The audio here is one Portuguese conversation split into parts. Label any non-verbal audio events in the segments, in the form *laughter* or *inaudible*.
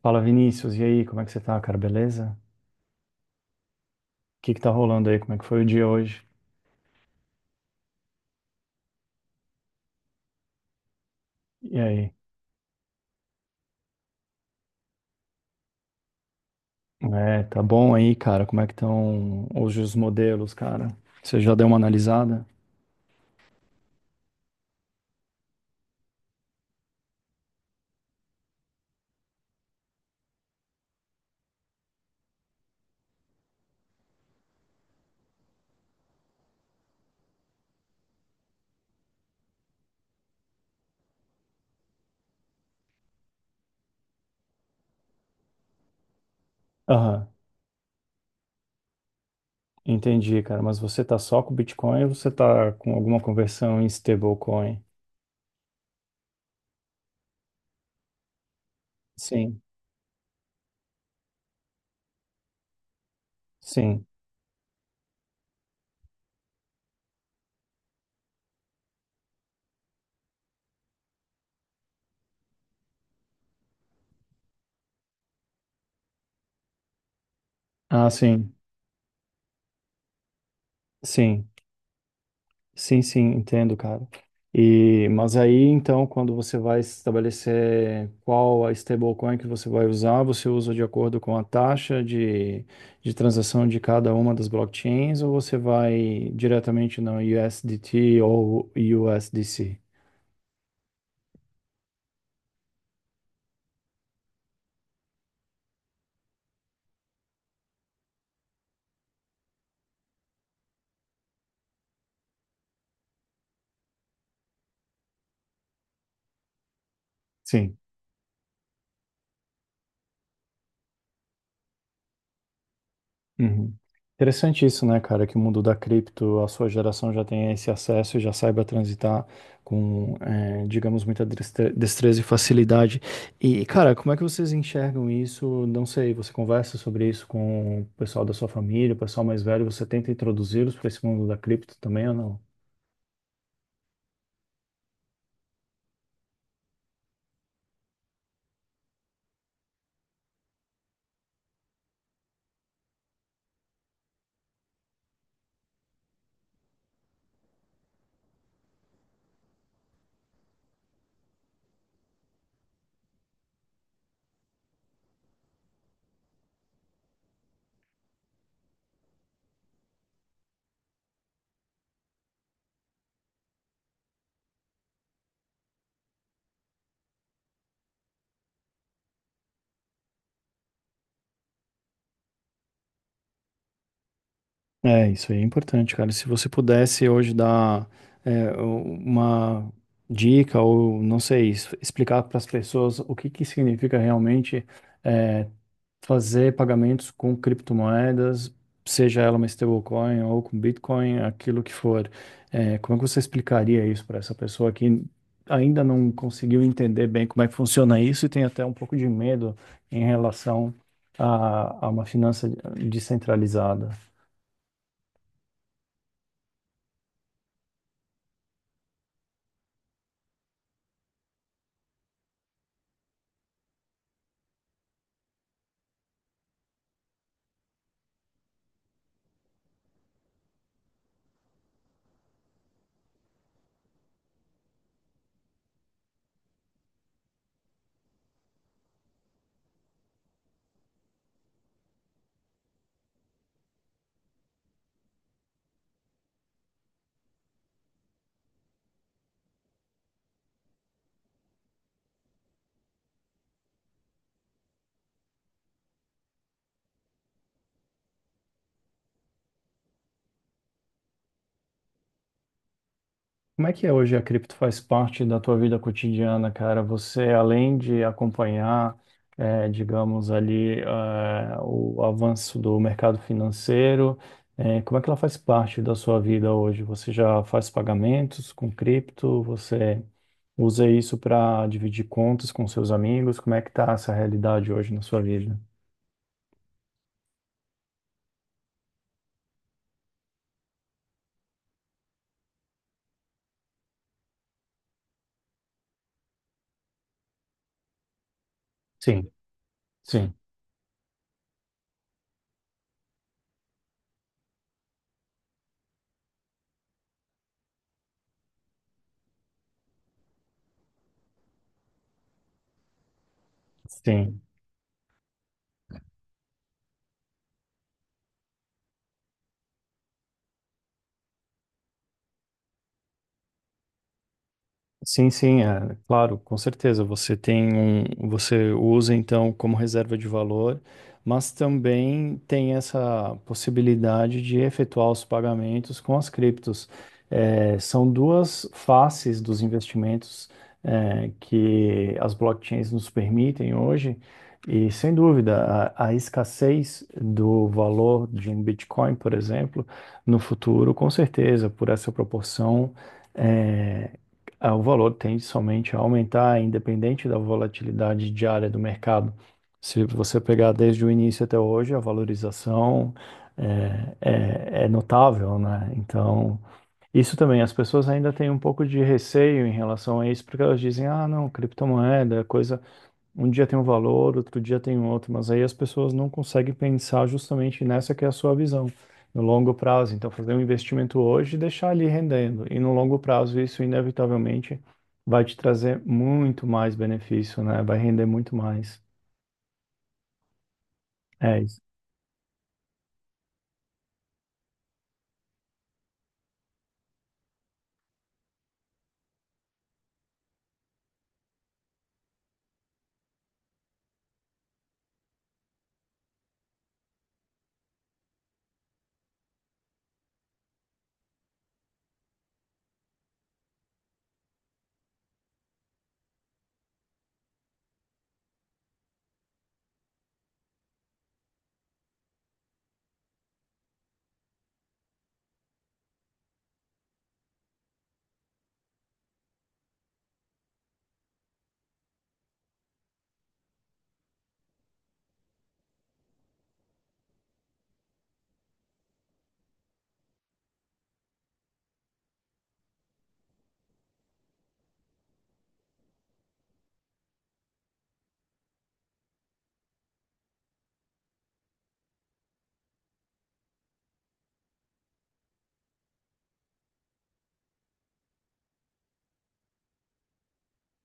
Fala, Vinícius, e aí, como é que você tá, cara? Beleza? O que que tá rolando aí? Como é que foi o dia hoje? E aí? É, tá bom aí, cara? Como é que estão hoje os modelos, cara? Você já deu uma analisada? Aham, entendi, cara. Mas você tá só com Bitcoin ou você tá com alguma conversão em stablecoin? Sim, sim. Ah, sim, sim. Sim, sim, entendo, cara. E, mas aí, então, quando você vai estabelecer qual a stablecoin que você vai usar, você usa de acordo com a taxa de transação de cada uma das blockchains ou você vai diretamente no USDT ou USDC? Sim. Uhum. Interessante isso, né, cara? Que o mundo da cripto, a sua geração já tem esse acesso e já saiba transitar com, digamos, muita destreza e facilidade. E, cara, como é que vocês enxergam isso? Não sei, você conversa sobre isso com o pessoal da sua família, o pessoal mais velho, você tenta introduzi-los para esse mundo da cripto também ou não? É, isso aí é importante, cara. Se você pudesse hoje dar, uma dica ou, não sei, explicar para as pessoas o que que significa realmente, fazer pagamentos com criptomoedas, seja ela uma stablecoin ou com Bitcoin, aquilo que for. É, como é que você explicaria isso para essa pessoa que ainda não conseguiu entender bem como é que funciona isso e tem até um pouco de medo em relação a, uma finança descentralizada? Como é que é hoje a cripto faz parte da tua vida cotidiana, cara? Você, além de acompanhar, digamos ali, o avanço do mercado financeiro, como é que ela faz parte da sua vida hoje? Você já faz pagamentos com cripto? Você usa isso para dividir contas com seus amigos? Como é que tá essa realidade hoje na sua vida? Sim, sim, sim. Sim, sim, é, claro, com certeza. Você tem um, você usa então como reserva de valor, mas também tem essa possibilidade de efetuar os pagamentos com as criptos. É, são duas faces dos investimentos, é, que as blockchains nos permitem hoje, e sem dúvida, a, escassez do valor de um Bitcoin, por exemplo, no futuro, com certeza, por essa proporção. É, ah, o valor tende somente a aumentar, independente da volatilidade diária do mercado. Se você pegar desde o início até hoje, a valorização é, é notável, né? Então, isso também, as pessoas ainda têm um pouco de receio em relação a isso, porque elas dizem, ah, não, criptomoeda é coisa, um dia tem um valor, outro dia tem um outro, mas aí as pessoas não conseguem pensar justamente nessa que é a sua visão, no longo prazo. Então, fazer um investimento hoje e deixar ali rendendo. E no longo prazo, isso inevitavelmente vai te trazer muito mais benefício, né? Vai render muito mais. É isso.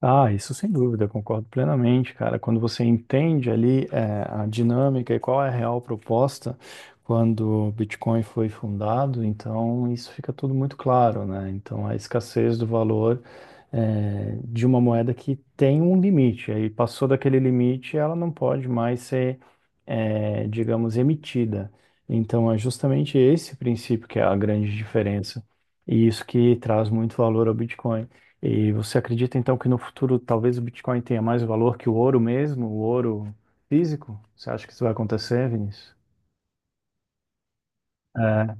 Ah, isso sem dúvida, eu concordo plenamente, cara. Quando você entende ali, a dinâmica e qual é a real proposta quando o Bitcoin foi fundado, então isso fica tudo muito claro, né? Então a escassez do valor é, de uma moeda que tem um limite. Aí passou daquele limite, ela não pode mais ser, é, digamos, emitida. Então é justamente esse princípio que é a grande diferença. E isso que traz muito valor ao Bitcoin. E você acredita então que no futuro talvez o Bitcoin tenha mais valor que o ouro mesmo, o ouro físico? Você acha que isso vai acontecer, Vinícius? É,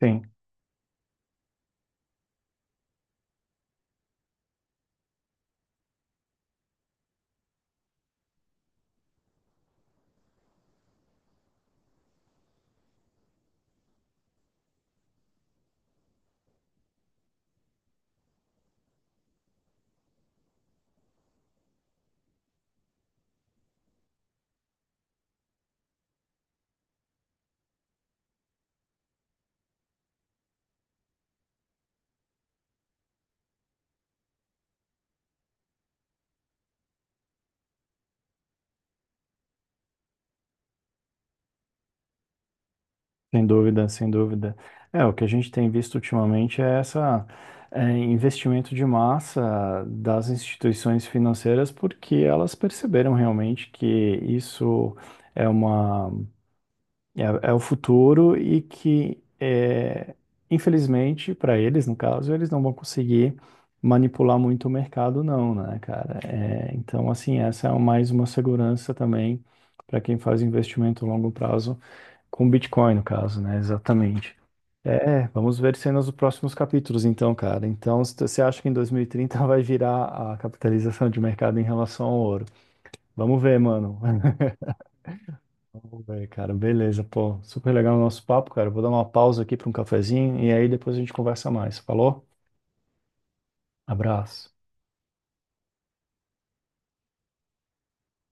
sim. Sem dúvida, sem dúvida. É, o que a gente tem visto ultimamente é essa, é, investimento de massa das instituições financeiras, porque elas perceberam realmente que isso é uma, é, é o futuro e que é, infelizmente para eles, no caso, eles não vão conseguir manipular muito o mercado, não, né, cara? É, então, assim, essa é mais uma segurança também para quem faz investimento a longo prazo com Bitcoin, no caso, né? Exatamente. É, vamos ver cenas dos próximos capítulos, então, cara. Então, se você acha que em 2030 *laughs* vai virar a capitalização de mercado em relação ao ouro? Vamos ver, mano. *laughs* Vamos ver, cara. Beleza, pô. Super legal o nosso papo, cara. Vou dar uma pausa aqui para um cafezinho e aí depois a gente conversa mais. Falou? Abraço.